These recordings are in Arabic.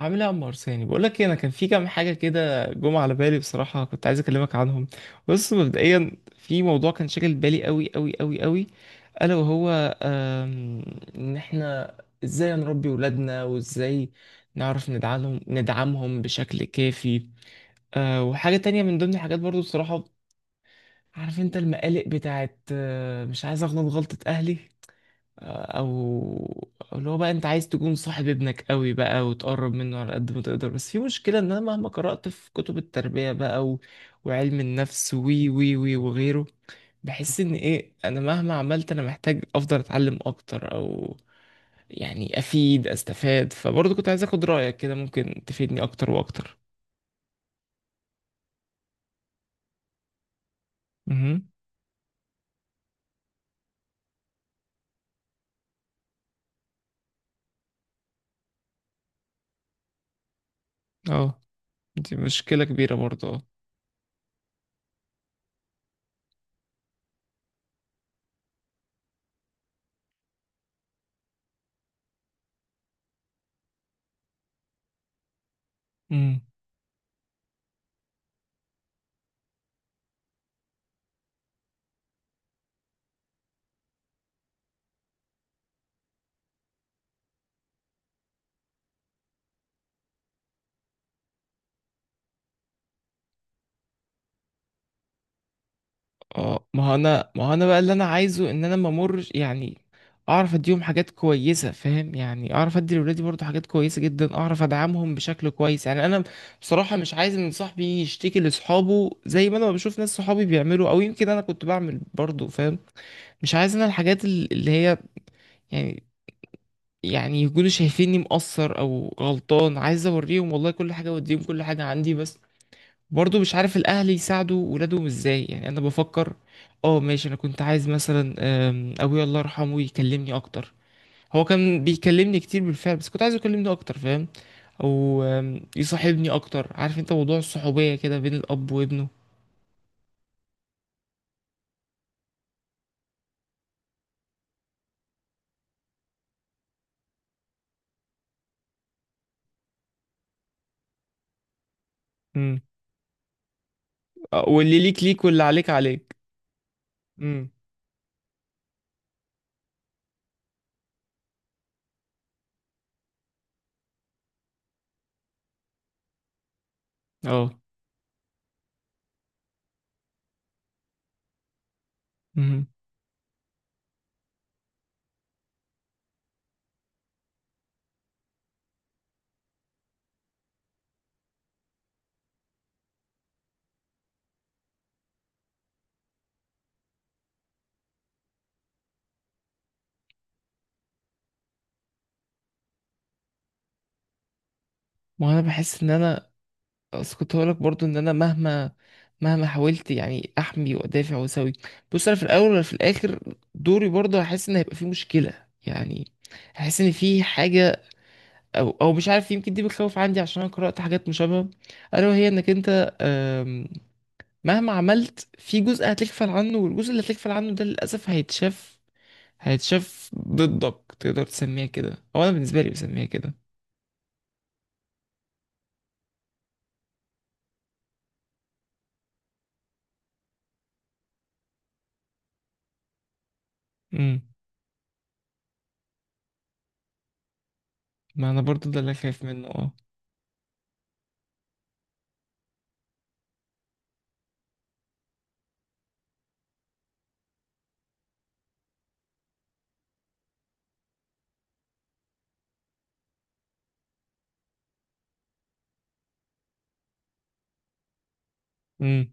عامل ايه يا عمار؟ بقول لك إيه، انا كان في كام حاجه كده جم على بالي، بصراحه كنت عايز اكلمك عنهم. بص مبدئيا في موضوع كان شاغل بالي قوي قوي قوي قوي، الا وهو آم، ان احنا ازاي نربي ولادنا، وازاي نعرف ندعمهم بشكل كافي. وحاجه تانية من ضمن الحاجات برضو، بصراحه عارف انت المقالق بتاعت، مش عايز اغلط غلطه اهلي، أو اللي هو بقى انت عايز تكون صاحب ابنك قوي بقى وتقرب منه على قد ما تقدر، بس في مشكلة ان انا مهما قرأت في كتب التربية بقى وعلم النفس وي وي وي وغيره، بحس ان ايه، انا مهما عملت انا محتاج افضل اتعلم اكتر، او يعني استفاد، فبرضه كنت عايز اخد رأيك كده، ممكن تفيدني اكتر واكتر. امم. اه. دي مشكلة كبيرة برضه. اه. اه، ما هو انا بقى اللي انا عايزه ان انا ما امرش يعني، اعرف اديهم حاجات كويسه، فاهم؟ يعني اعرف ادي لاولادي برضو حاجات كويسه جدا، اعرف ادعمهم بشكل كويس، يعني انا بصراحه مش عايز ان صاحبي يشتكي لاصحابه زي ما انا بشوف ناس صحابي بيعملوا، او يمكن انا كنت بعمل برضو، فاهم؟ مش عايز انا الحاجات اللي هي يعني، يكونوا شايفيني مقصر او غلطان، عايز اوريهم والله كل حاجه واديهم كل حاجه عندي، بس برضه مش عارف الاهل يساعدوا ولادهم ازاي. يعني انا بفكر، اه ماشي، انا كنت عايز مثلا ابويا الله يرحمه يكلمني اكتر. هو كان بيكلمني كتير بالفعل بس كنت عايزه يكلمني اكتر، فاهم؟ او يصاحبني اكتر، عارف انت موضوع الصحوبية كده بين الاب وابنه. امم. واللي ليك ليك واللي عليك عليك. امم. اه. مهم. وانا بحس ان انا، اصل كنت هقولك برضو ان انا مهما حاولت يعني احمي وادافع واسوي، بص انا في الاول ولا في الاخر دوري برضو هحس ان هيبقى في مشكله يعني، هحس ان في حاجه، او مش عارف، يمكن دي بتخوف عندي عشان انا قرات حاجات مشابهه، الا وهي انك انت مهما عملت في جزء هتغفل عنه، والجزء اللي هتغفل عنه ده للاسف هيتشاف، هيتشاف ضدك، تقدر تسميها كده، او انا بالنسبه لي بسميها كده. امم. ما انا برضو ده اللي خايف منه، اه. امم.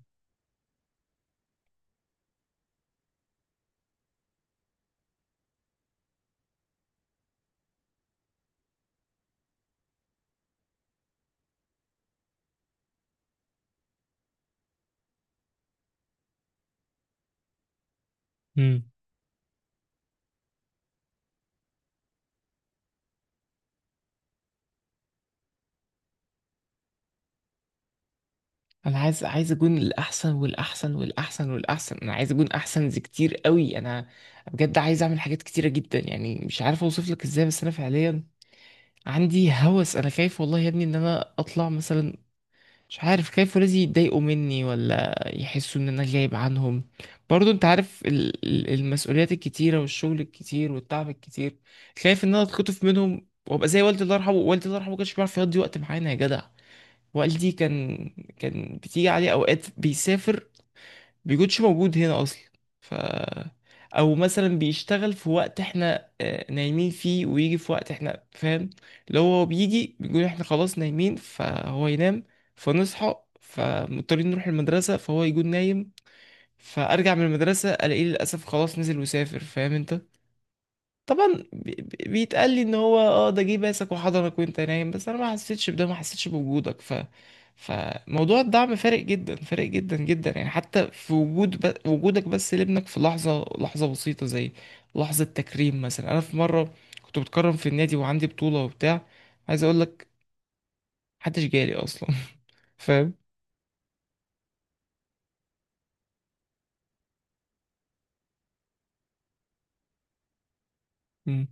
امم. انا عايز، عايز اكون الاحسن والاحسن والاحسن والاحسن، انا عايز اكون احسن زي كتير قوي، انا بجد عايز اعمل حاجات كتيره جدا يعني، مش عارف اوصف لك ازاي بس انا فعليا عندي هوس، انا خايف والله يا ابني ان انا اطلع مثلا، مش عارف، خايف ولادي يتضايقوا مني ولا يحسوا ان انا غايب عنهم برضو، انت عارف المسؤوليات الكتيره والشغل الكتير والتعب الكتير، خايف ان انا اتخطف منهم وابقى زي والدي الله يرحمه. والدي الله يرحمه ما كانش بيعرف يقضي وقت معانا يا جدع. والدي كان، كان بتيجي عليه اوقات بيسافر، بيكونش موجود هنا اصلا، ف، او مثلا بيشتغل في وقت احنا نايمين فيه، ويجي في وقت احنا، فاهم؟ لو هو بيجي بيقول احنا خلاص نايمين فهو ينام، فنصحى فمضطرين نروح المدرسة فهو يكون نايم، فارجع من المدرسة الاقيه للاسف خلاص نزل وسافر، فاهم انت؟ طبعا بيتقال لي ان هو اه ده جه باسك وحضنك وانت نايم، بس انا ما حسيتش بده، ما حسيتش بوجودك، ف، فموضوع الدعم فارق جدا، فارق جدا جدا، يعني حتى في وجود وجودك بس لابنك في لحظة، لحظة بسيطة زي لحظة تكريم مثلا. انا في مرة كنت بتكرم في النادي وعندي بطولة وبتاع، عايز اقول لك محدش جالي اصلا. فاهم؟ امم.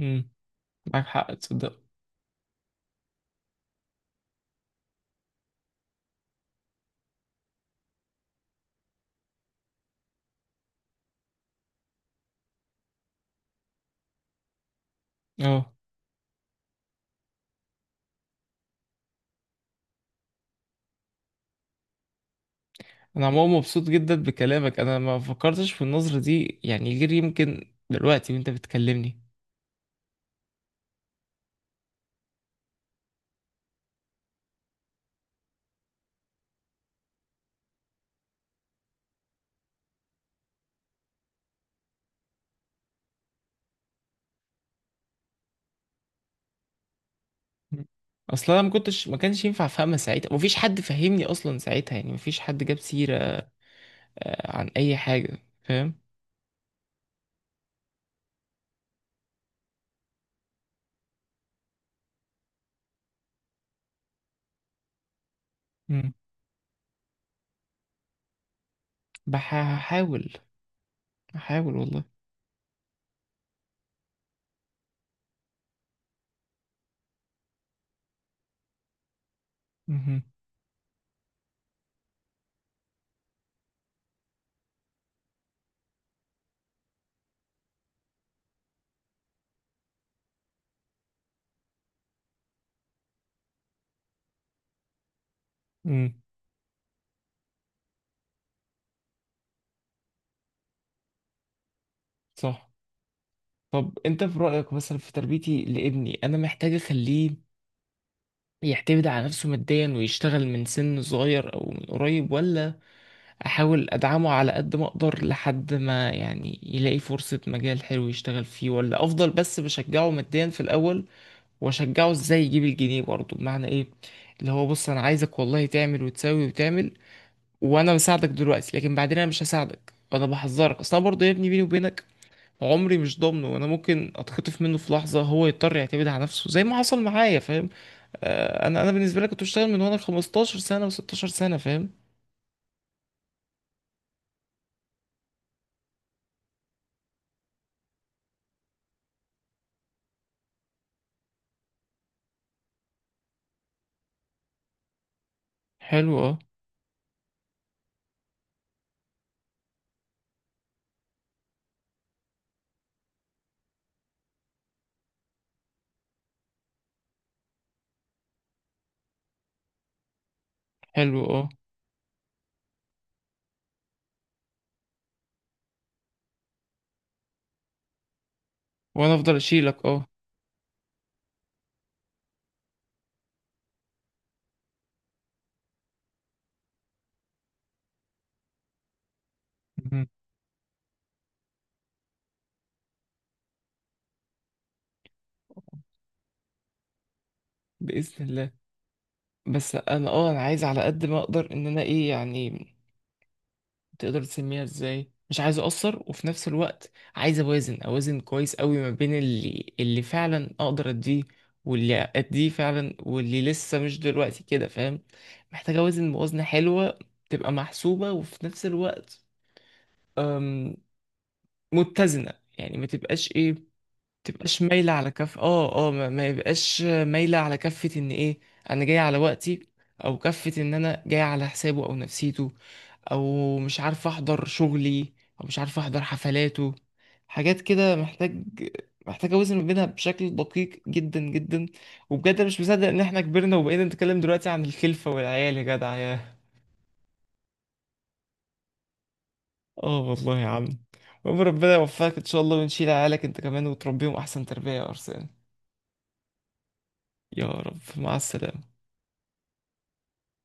امم. معاك حق، تصدق؟ اه، انا عموما مبسوط جدا بكلامك، انا ما فكرتش في النظرة دي يعني غير يمكن دلوقتي وانت بتكلمني. اصلا انا ما كانش ينفع افهمها ساعتها، مفيش حد فهمني اصلا ساعتها، يعني مفيش حد جاب سيرة عن اي حاجة، فاهم؟ مم. بح- هحاول هحاول والله. مهم. مم. صح. طب انت في رأيك مثلا في تربيتي لابني انا محتاج اخليه يعتمد على نفسه ماديا ويشتغل من سن صغير او من قريب، ولا احاول ادعمه على قد ما اقدر لحد ما يعني يلاقي فرصة، مجال حلو يشتغل فيه، ولا افضل بس بشجعه ماديا في الاول؟ واشجعه ازاي يجيب الجنيه برضه، بمعنى ايه؟ اللي هو بص انا عايزك والله تعمل وتسوي وتعمل، وانا بساعدك دلوقتي لكن بعدين انا مش هساعدك، وانا بحذرك اصل انا برضه يا ابني بيني وبينك عمري مش ضامنه، وانا ممكن اتخطف منه في لحظة، هو يضطر يعتمد على نفسه زي ما حصل معايا، فاهم؟ آه، انا بالنسبة لي كنت بشتغل من وانا 15 سنة و16 سنة، فاهم؟ حلو، اه. حلو، اه. وانا افضل اشيلك، اه. مهم. باذن الله. بس انا اه انا عايز على قد ما اقدر ان انا ايه يعني، تقدر تسميها ازاي، مش عايز اقصر وفي نفس الوقت عايز اوازن، اوازن كويس قوي ما بين اللي فعلا اقدر اديه، واللي اديه فعلا واللي لسه مش دلوقتي كده، فاهم؟ محتاج اوازن موازنة حلوة تبقى محسوبة، وفي نفس الوقت أم، متزنة، يعني ما تبقاش ايه، تبقاش مايلة على كف، اه اه ما يبقاش مايلة على كفة ان ايه انا جاي على وقتي، او كفة ان انا جاي على حسابه او نفسيته، او مش عارف احضر شغلي، او مش عارف احضر حفلاته، حاجات كده محتاج، محتاج اوزن ما بينها بشكل دقيق جدا جدا. وبجد أنا مش مصدق ان احنا كبرنا وبقينا نتكلم دلوقتي عن الخلفة والعيال يا جدع يا، اه والله يا عم. المهم ربنا يوفقك ان شاء الله، ونشيل عيالك انت كمان وتربيهم احسن تربية يا ارسلان. يا رب، مع السلامة.